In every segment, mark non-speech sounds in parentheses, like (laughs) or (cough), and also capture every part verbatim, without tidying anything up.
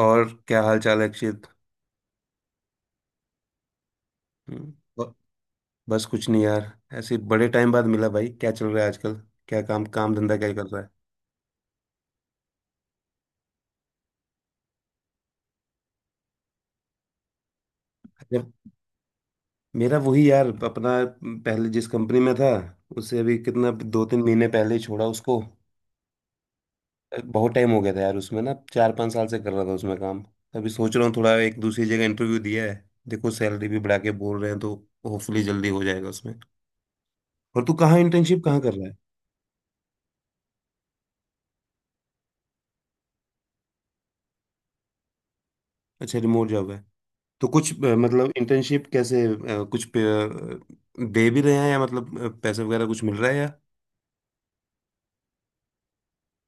और क्या हाल चाल है अक्षित? हम्म। ब- बस कुछ नहीं यार। ऐसे बड़े टाइम बाद मिला भाई, क्या चल रहा है आजकल? क्या काम काम धंधा क्या कर रहा है? जब मेरा वही यार अपना, पहले जिस कंपनी में था उससे अभी कितना दो तीन महीने पहले ही छोड़ा उसको। बहुत टाइम हो गया था यार उसमें ना, चार पाँच साल से कर रहा था उसमें काम। अभी सोच रहा हूँ थोड़ा, एक दूसरी जगह इंटरव्यू दिया है। देखो सैलरी भी बढ़ा के बोल रहे हैं, तो होपफुली जल्दी हो जाएगा उसमें। और तू कहाँ इंटर्नशिप कहाँ कर रहा है? अच्छा, रिमोट जॉब है। तो कुछ अ, मतलब इंटर्नशिप कैसे, अ, कुछ पे, अ, दे भी रहे हैं, या मतलब अ, पैसे वगैरह कुछ मिल रहा है या?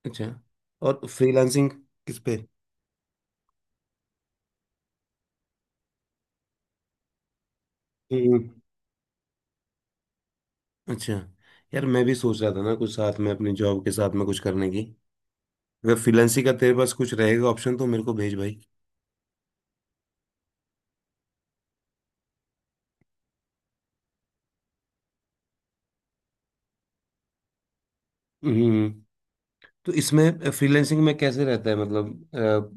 अच्छा। और फ्रीलांसिंग किस पे? हम्म। अच्छा। यार मैं भी सोच रहा था ना, कुछ साथ में अपनी जॉब के साथ में कुछ करने की। अगर फ्रीलांसिंग का तेरे पास कुछ रहेगा ऑप्शन, तो मेरे को भेज भाई। हम्म। तो इसमें फ्रीलांसिंग में कैसे रहता है मतलब,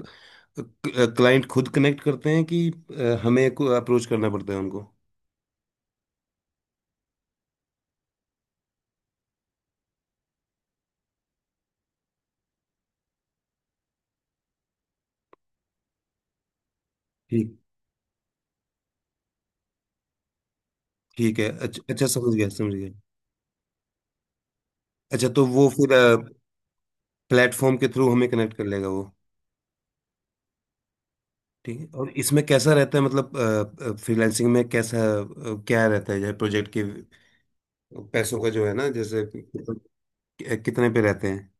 क्लाइंट खुद कनेक्ट करते हैं, कि अ, हमें को अप्रोच करना पड़ता है उनको? ठीक, ठीक है। अच्छा अच्छा, समझ गया समझ गया। अच्छा तो वो फिर प्लेटफॉर्म के थ्रू हमें कनेक्ट कर लेगा वो। ठीक है, और इसमें कैसा रहता है मतलब फ्रीलांसिंग में कैसा, अ, क्या रहता है जैसे प्रोजेक्ट के पैसों का, जो है ना, जैसे कि- कितने पे रहते हैं?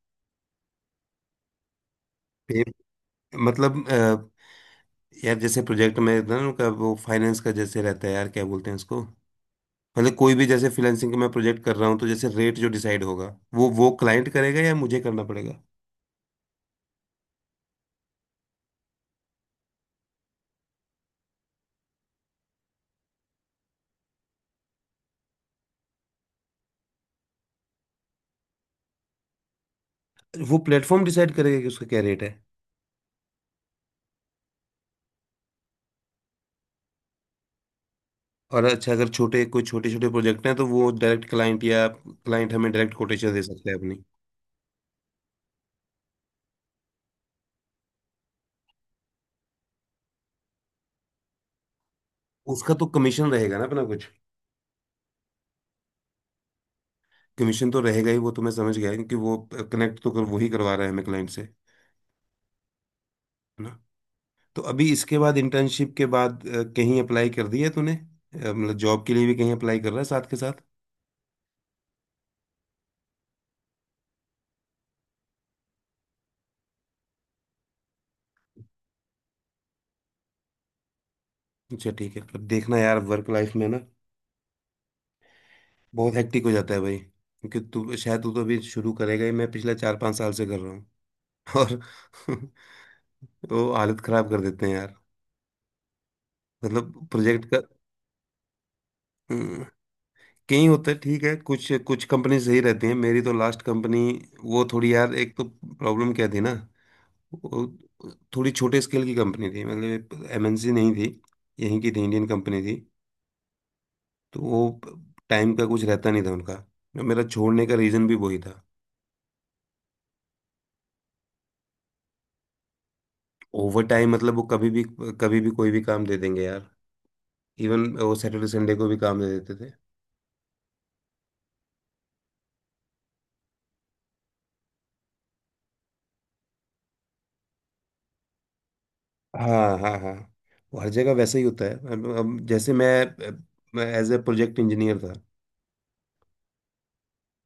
पे- मतलब अ, यार जैसे प्रोजेक्ट में ना उनका वो फाइनेंस का जैसे रहता है यार, क्या बोलते हैं उसको। मतलब कोई भी जैसे फ्रीलांसिंग का मैं प्रोजेक्ट कर रहा हूँ, तो जैसे रेट जो डिसाइड होगा, वो वो क्लाइंट करेगा या मुझे करना पड़ेगा? वो प्लेटफॉर्म डिसाइड करेगा कि उसका क्या रेट है? और अच्छा, अगर छोटे कोई छोटे छोटे प्रोजेक्ट हैं तो वो डायरेक्ट क्लाइंट या क्लाइंट हमें डायरेक्ट कोटेशन दे सकता है अपनी? उसका तो कमीशन रहेगा ना अपना कुछ। कमीशन तो रहेगा ही, वो तो मैं समझ गया, क्योंकि वो कनेक्ट तो कर, वो ही करवा रहा है हमें क्लाइंट से, है ना? तो अभी इसके बाद, इंटर्नशिप के बाद अ, कहीं अप्लाई कर दिया तूने, अ, मतलब जॉब के लिए भी कहीं अप्लाई कर रहा है साथ के साथ? अच्छा ठीक है। पर देखना यार, वर्क लाइफ में ना बहुत हेक्टिक हो जाता है भाई, क्योंकि तू शायद, तू तो अभी शुरू करेगा ही, मैं पिछले चार पाँच साल से कर रहा हूँ। (laughs) और (laughs) वो हालत खराब कर देते हैं यार, मतलब प्रोजेक्ट का। हम्म। कई होता है, ठीक है, कुछ कुछ कंपनी सही रहती हैं। मेरी तो लास्ट कंपनी वो थोड़ी यार, एक तो प्रॉब्लम क्या थी ना वो, थोड़ी छोटे स्केल की कंपनी थी, मतलब एमएनसी नहीं थी, यहीं की थी, इंडियन कंपनी थी। तो वो टाइम का कुछ रहता नहीं था उनका, मेरा छोड़ने का रीज़न भी वही था। ओवर टाइम मतलब वो कभी भी, कभी भी कोई भी काम दे देंगे यार। इवन वो सैटरडे संडे को भी काम दे देते थे। हाँ हाँ हाँ, वो हर जगह वैसे ही होता है। अब अब जैसे मैं एज ए प्रोजेक्ट इंजीनियर था,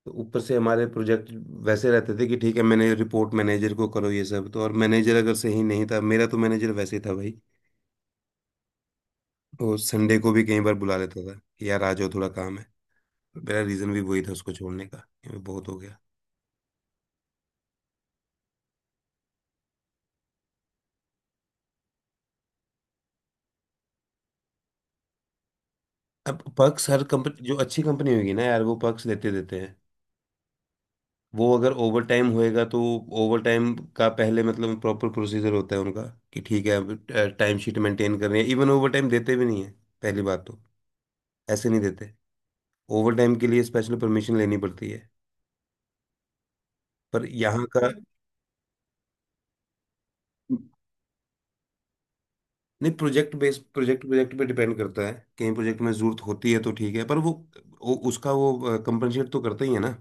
तो ऊपर से हमारे प्रोजेक्ट वैसे रहते थे, कि ठीक है मैंने रिपोर्ट मैनेजर को करो ये सब, तो और मैनेजर अगर सही नहीं था, मेरा तो मैनेजर वैसे ही था भाई। वो संडे को भी कई बार बुला लेता था कि यार आ जाओ थोड़ा काम है। मेरा रीज़न भी वही था उसको छोड़ने का, कि बहुत हो गया। अब पक्स, हर कंपनी जो अच्छी कंपनी होगी ना यार, वो पक्स देते देते हैं, वो अगर ओवर टाइम होएगा तो। ओवर टाइम का पहले, मतलब प्रॉपर प्रोसीजर होता है उनका, कि ठीक है, अब टाइम शीट मेंटेन कर रहे हैं, इवन ओवर टाइम देते भी नहीं है पहली बात तो, ऐसे नहीं देते। ओवर टाइम के लिए स्पेशल परमिशन लेनी पड़ती है। पर यहाँ का, नहीं, प्रोजेक्ट बेस्ड, प्रोजेक्ट प्रोजेक्ट पे डिपेंड करता है। कहीं प्रोजेक्ट में ज़रूरत होती है तो ठीक है, पर वो, वो उसका वो कंपनसेट तो करता ही है ना।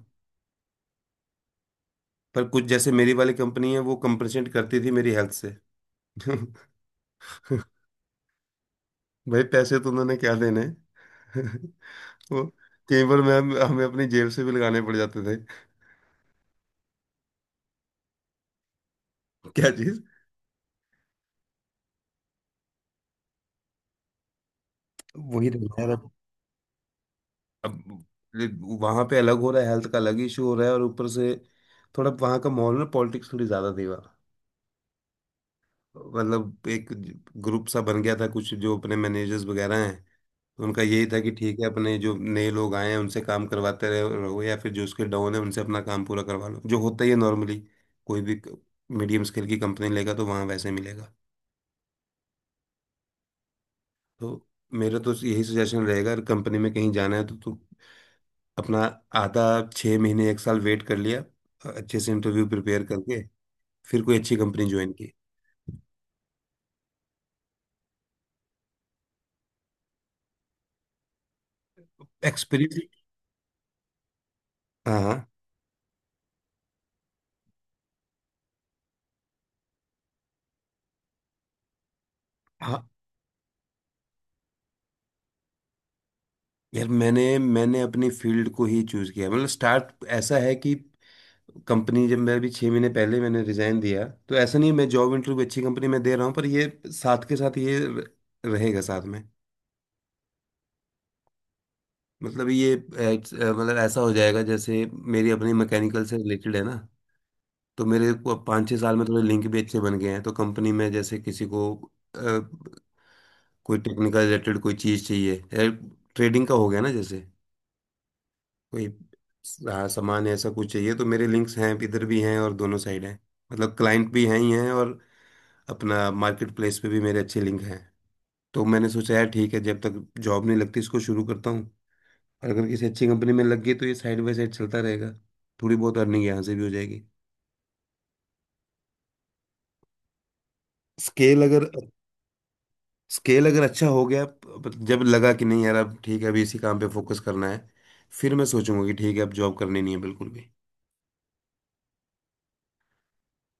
पर कुछ जैसे मेरी वाली कंपनी है, वो कंपनसेट करती थी मेरी हेल्थ से। (laughs) भाई पैसे तो उन्होंने क्या देने। (laughs) वो कई बार मैं हमें अपनी जेब से भी लगाने पड़ जाते थे। क्या चीज? वही रहता है। अब वहां पे अलग हो रहा है, हेल्थ का अलग इशू हो रहा है, और ऊपर से थोड़ा वहां का माहौल में पॉलिटिक्स थोड़ी ज्यादा थी वहाँ। मतलब एक ग्रुप सा बन गया था कुछ, जो अपने मैनेजर्स वगैरह हैं, उनका यही था कि ठीक है अपने जो नए लोग आए हैं उनसे काम करवाते रहे रहो, या फिर जो उसके डाउन है उनसे अपना काम पूरा करवा लो, जो होता ही है नॉर्मली। कोई भी मीडियम स्केल की कंपनी लेगा तो वहाँ वैसे मिलेगा। तो मेरा तो यही सजेशन रहेगा, अगर कंपनी में कहीं जाना है तो तू अपना आधा, छः महीने एक साल वेट कर लिया अच्छे से इंटरव्यू प्रिपेयर करके, फिर कोई अच्छी कंपनी ज्वाइन की। एक्सपीरियंस। हाँ हाँ हाँ। यार मैंने मैंने अपनी फील्ड को ही चूज किया, मतलब स्टार्ट, ऐसा है कि कंपनी, जब मैं अभी छः महीने पहले मैंने रिजाइन दिया, तो ऐसा नहीं मैं जॉब इंटरव्यू अच्छी कंपनी में दे रहा हूँ, पर ये साथ के साथ ये र- रहेगा साथ में। मतलब ये एच- अ, मतलब ऐसा हो जाएगा, जैसे मेरी अपनी मैकेनिकल से रिलेटेड है ना, तो मेरे को अब पाँच छः साल में थोड़े लिंक भी अच्छे बन गए हैं। तो कंपनी में जैसे किसी को अ, कोई टेक्निकल रिलेटेड कोई चीज़ चाहिए, ट्रेडिंग का हो गया ना जैसे, कोई स- हाँ, सामान ऐसा कुछ चाहिए, तो मेरे लिंक्स हैं, इधर भी हैं, और दोनों साइड हैं। मतलब क्लाइंट भी हैं ही हैं, और अपना मार्केट प्लेस पे भी मेरे अच्छे लिंक हैं। तो मैंने सोचा यार ठीक है, जब तक जॉब नहीं लगती इसको शुरू करता हूँ। और अगर किसी अच्छी कंपनी में लग गई तो ये साइड बाय साइड चलता रहेगा, थोड़ी बहुत अर्निंग यहाँ से भी हो जाएगी। स्केल अगर स्केल अगर अच्छा हो गया, प- जब लगा कि नहीं यार अब ठीक है अभी इसी काम पे फोकस करना है, फिर मैं सोचूंगा कि ठीक है अब जॉब करनी नहीं है बिल्कुल भी।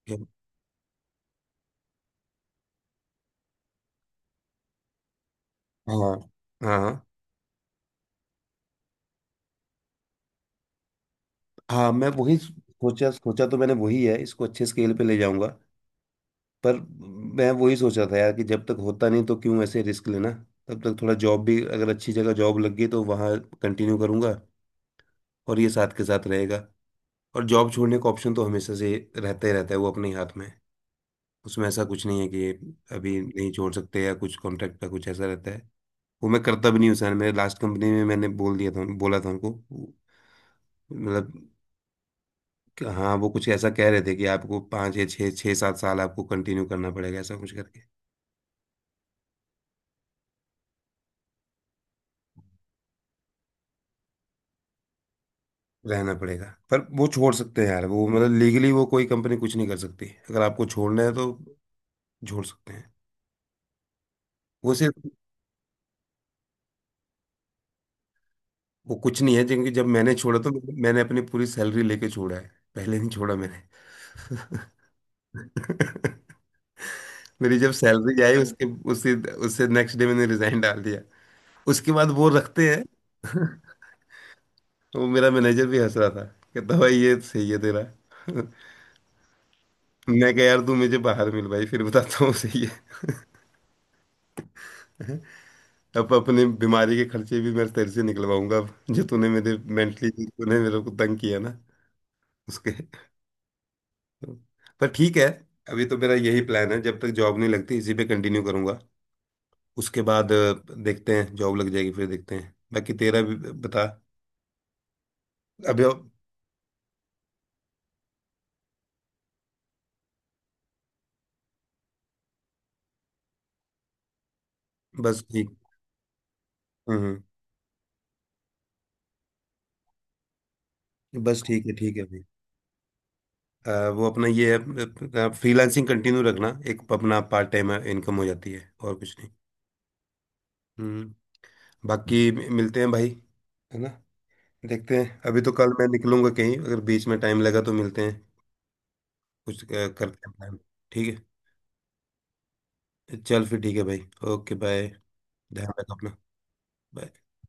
ठीक है। हाँ हाँ। हाँ। मैं वही सोचा सोचा तो मैंने वही है, इसको अच्छे स्केल पे ले जाऊंगा। पर मैं वही सोचा था यार, कि जब तक होता नहीं तो क्यों ऐसे रिस्क लेना, तब तक थोड़ा जॉब भी, अगर अच्छी जगह जॉब लग गई तो वहाँ कंटिन्यू करूंगा, और ये साथ के साथ रहेगा। और जॉब छोड़ने का ऑप्शन तो हमेशा से रहता ही रहता है, वो अपने ही हाथ में है। उसमें ऐसा कुछ नहीं है कि अभी नहीं छोड़ सकते, या कुछ कॉन्ट्रैक्ट का कुछ ऐसा रहता है, वो मैं करता भी नहीं हूँ सर। मेरे लास्ट कंपनी में मैंने बोल दिया था, बोला था उनको मतलब, कि हाँ, वो कुछ ऐसा कह रहे थे कि आपको पाँच या छः, छः सात साल आपको कंटिन्यू करना पड़ेगा, ऐसा कुछ करके रहना पड़ेगा। पर वो छोड़ सकते हैं यार, वो मतलब लीगली वो कोई कंपनी कुछ नहीं कर सकती, अगर आपको छोड़ना है तो छोड़ सकते हैं। वो सिर्फ, वो कुछ नहीं है। क्योंकि जब मैंने छोड़ा तो मैंने अपनी पूरी सैलरी लेके छोड़ा है, पहले नहीं छोड़ा मैंने। (laughs) मेरी जब सैलरी आई उसके, उसी, उससे नेक्स्ट डे मैंने रिजाइन डाल दिया। उसके बाद वो रखते हैं। (laughs) वो मेरा मैनेजर भी हंस रहा था, कहता भाई ये सही है तेरा। (laughs) मैं कह यार तू मुझे बाहर मिल भाई, फिर बताता हूँ सही है। (laughs) अब अपने बीमारी के खर्चे भी मैं तेरे से निकलवाऊंगा, अब जो तूने मेरे मेंटली, तूने मेरे को तंग किया ना उसके। पर ठीक है, अभी तो मेरा यही प्लान है, जब तक जॉब नहीं लगती इसी पे कंटिन्यू करूंगा। उसके बाद अ, देखते हैं जॉब लग जाएगी फिर देखते हैं। बाकी तेरा भी बता। अभी अब- बस ठीक। हम्म हम्म। बस ठीक है ठीक है अभी, अ, वो अपना ये है, फ्रीलांसिंग कंटिन्यू रखना, एक अपना पार्ट टाइम इनकम हो जाती है और कुछ नहीं। हम्म। बाकी मि- मिलते हैं भाई, है ना? देखते हैं, अभी तो कल मैं निकलूंगा कहीं, अगर बीच में टाइम लगा तो मिलते हैं, कुछ अ, करते हैं प्लान। ठीक है, चल फिर ठीक है भाई, ओके बाय। ध्यान रख अपना। बाय।